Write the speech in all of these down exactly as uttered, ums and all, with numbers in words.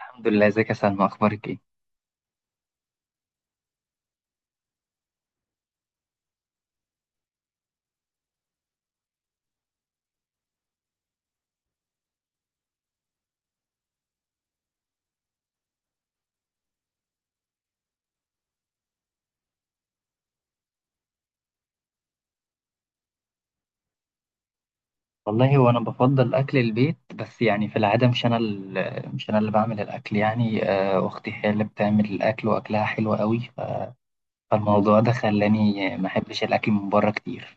الحمد لله، ازيك يا سلمى؟ اخبارك ايه؟ والله هو انا بفضل اكل البيت، بس يعني في العاده مش انا ال- مش انا اللي بعمل الاكل، يعني آه، اختي هي اللي بتعمل الاكل واكلها حلو قوي ف- فالموضوع ده خلاني ما احبش الاكل من بره كتير.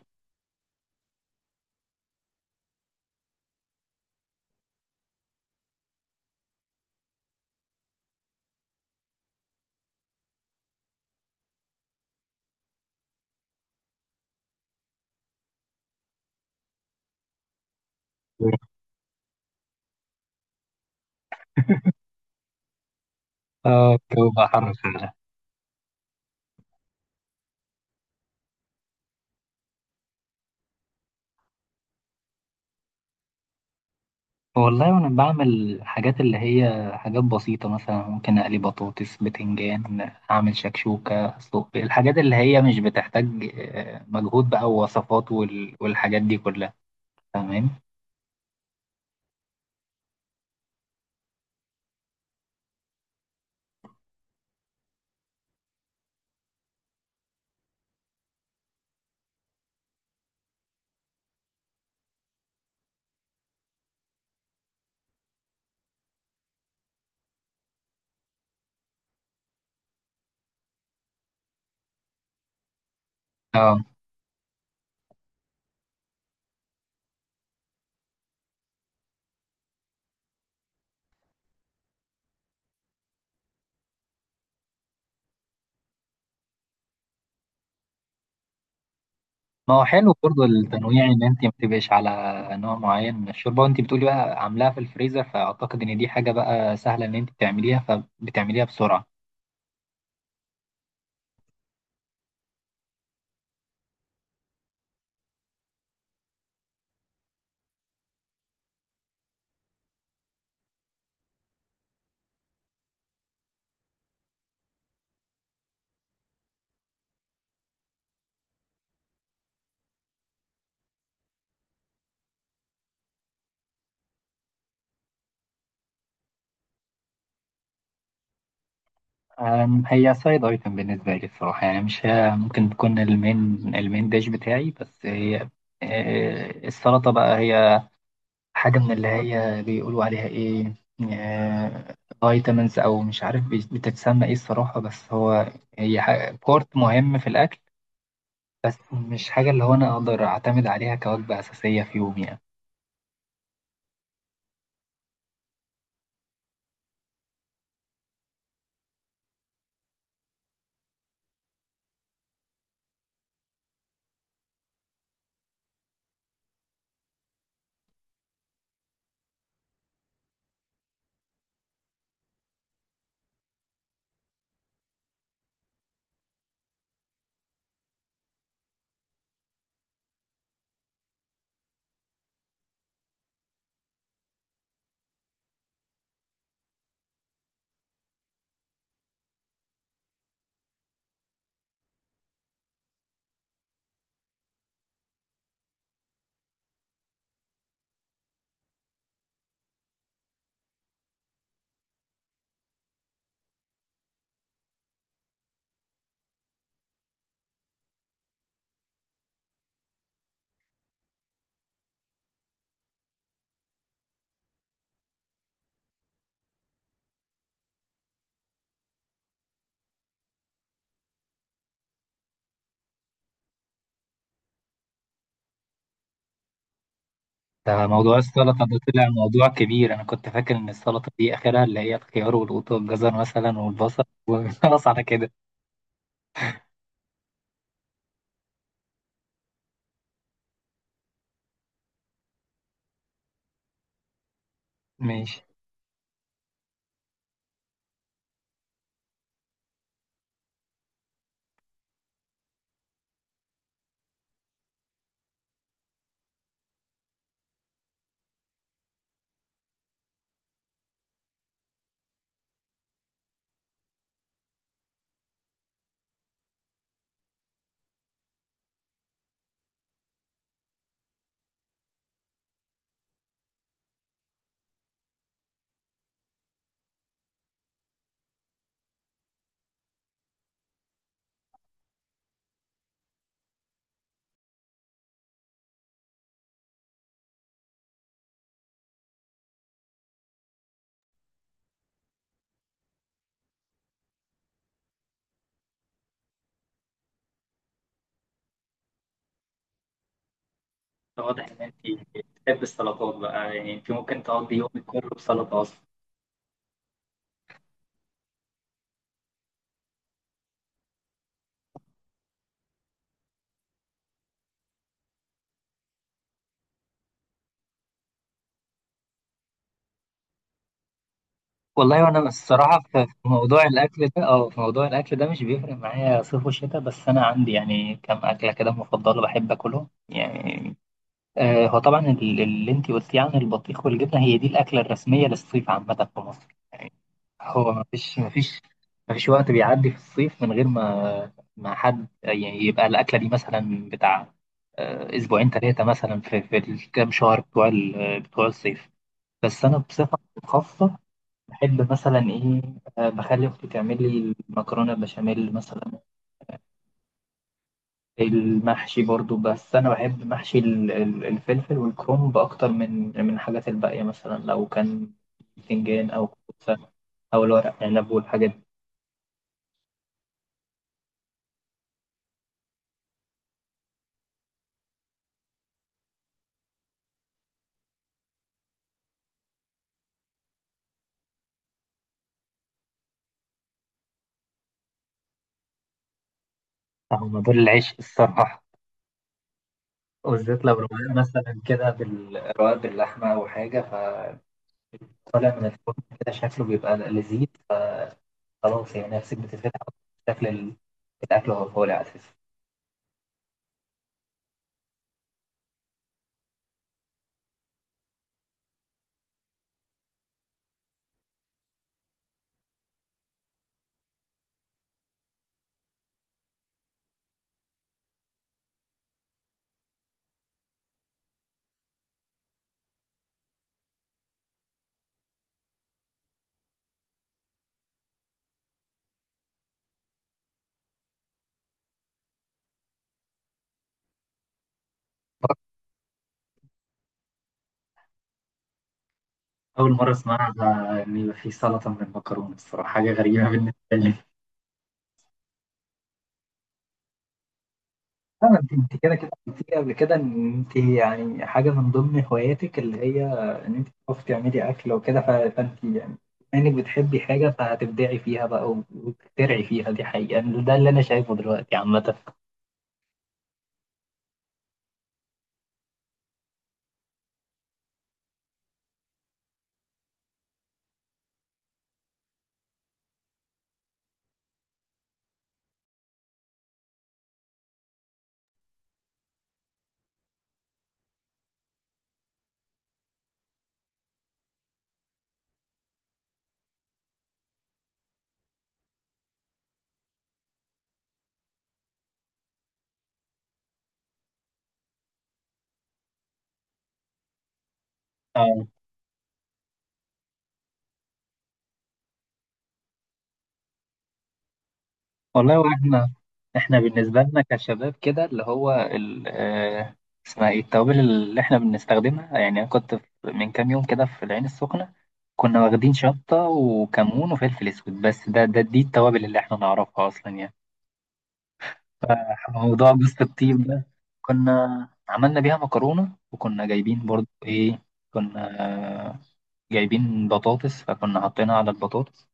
اه، الجو بقى حر فعلا. والله وانا بعمل حاجات اللي هي حاجات بسيطه، مثلا ممكن اقلي بطاطس، بتنجان، اعمل شكشوكه، اسلق بيض، الحاجات اللي هي مش بتحتاج آه، مجهود بقى ووصفات وال- والحاجات دي كلها. تمام. اه، ما هو حلو برضه التنويع ان انت ما تبقيش على نوع معين من الشوربه، وانت بتقولي بقى عاملاها في الفريزر، فاعتقد ان دي حاجه بقى سهله ان انت تعمليها فبتعمليها بسرعه. أم، هي سايد ايتم بالنسبه لي الصراحه، يعني مش هي ممكن تكون المين، المين ديش بتاعي، بس هي آه، السلطه بقى هي حاجه من اللي هي بيقولوا عليها ايه، آه، فيتامينز او مش عارف بتتسمى ايه الصراحه، بس هو هي ح- بورت مهم في الاكل. بس مش حاجة اللي هو أنا أقدر أعتمد عليها كوجبة أساسية في يومي يعني. ده موضوع السلطة ده طلع موضوع كبير، أنا كنت فاكر إن السلطة دي آخرها اللي هي الخيار والقوط والجزر مثلا والبصل وخلاص على كده. ماشي. واضح إن أنت بتحب السلطات بقى، يعني أنت ممكن تقضي يومك كله بسلطة أصلا. والله وانا الصراحه في في موضوع الاكل ده، اه في موضوع الاكل ده مش بيفرق معايا صيف وشتاء، بس انا عندي يعني كم اكله كده مفضله بحب اكلهم يعني. آه، هو طبعا ال- اللي انت قلتيه عن البطيخ والجبنه هي دي الاكله الرسميه للصيف عامه في مصر يعني. هو ما فيش ما فيش ما فيش وقت بيعدي في الصيف من غير ما ما حد يعني، يبقى الاكله دي مثلا بتاع آه، اسبوعين ثلاثه مثلا في في الكام شهر بتوع ال- بتوع الصيف. بس انا بصفه خاصه بحب مثلا ايه، آه، بخلي اختي تعمل لي المكرونه بشاميل مثلا. المحشي برضو، بس انا بحب محشي ال- ال- الفلفل والكرنب اكتر من من الحاجات الباقيه، مثلا لو كان باذنجان او كوسه او الورق عنب والحاجات دي. هما دول العيش الصراحه، وبالذات لو رواق مثلا كده بالرواق باللحمه او حاجه، فطالع من الفرن كده شكله بيبقى لذيذ، خلاص يعني نفسك بتتفتح. شكل ال- الاكل وهو طالع اساسا. اول مره اسمعها، عن ان يبقى في سلطه من المكرونه، الصراحه حاجه غريبه بالنسبه لي. لا، ما انت انت كده كده قلت لي قبل كده ان انت يعني حاجه من ضمن هواياتك اللي هي ان انت بتعرفي تعملي اكل وكده، ف- فانت يعني بما انك بتحبي حاجه فهتبدعي فيها بقى و- وتخترعي فيها، دي حقيقه يعني، ده اللي انا شايفه دلوقتي عامه. اه والله، واحنا احنا بالنسبه لنا كشباب كده اللي هو ال آه، اسمها ايه التوابل اللي احنا بنستخدمها يعني. انا كنت في- من كام يوم كده في العين السخنه، كنا واخدين شطه وكمون وفلفل اسود بس، ده ده دي التوابل اللي احنا نعرفها اصلا يعني. فموضوع جوز الطيب ده، كنا عملنا بيها مكرونة، وكنا جايبين برضو إيه، كنا جايبين بطاطس فكنا حاطينها على البطاطس،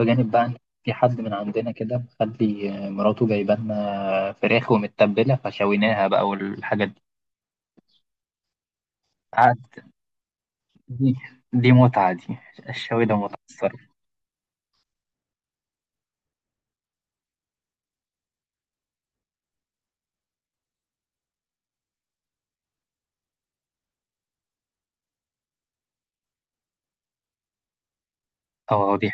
بجانب بقى إن في حد من عندنا كده مخلي مراته جايبه لنا فراخ ومتبلة فشويناها بقى والحاجات دي. قعد- دي دي متعة دي الشوي ده متعة الصراحة. اه دي،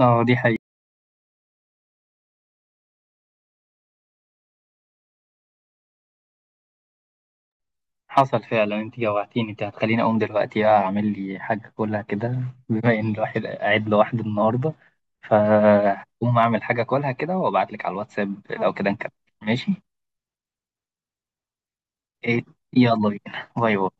اه دي حقيقة. حصل فعلا، انت جوعتيني، انت هتخليني اقوم دلوقتي بقى اعمل لي حاجه كلها كده، بما ان الواحد قاعد لوحده النهارده، فهقوم اعمل حاجه كلها كده وابعت لك على الواتساب، لو كده نكمل. ماشي. ايه؟ يلا بينا، باي باي.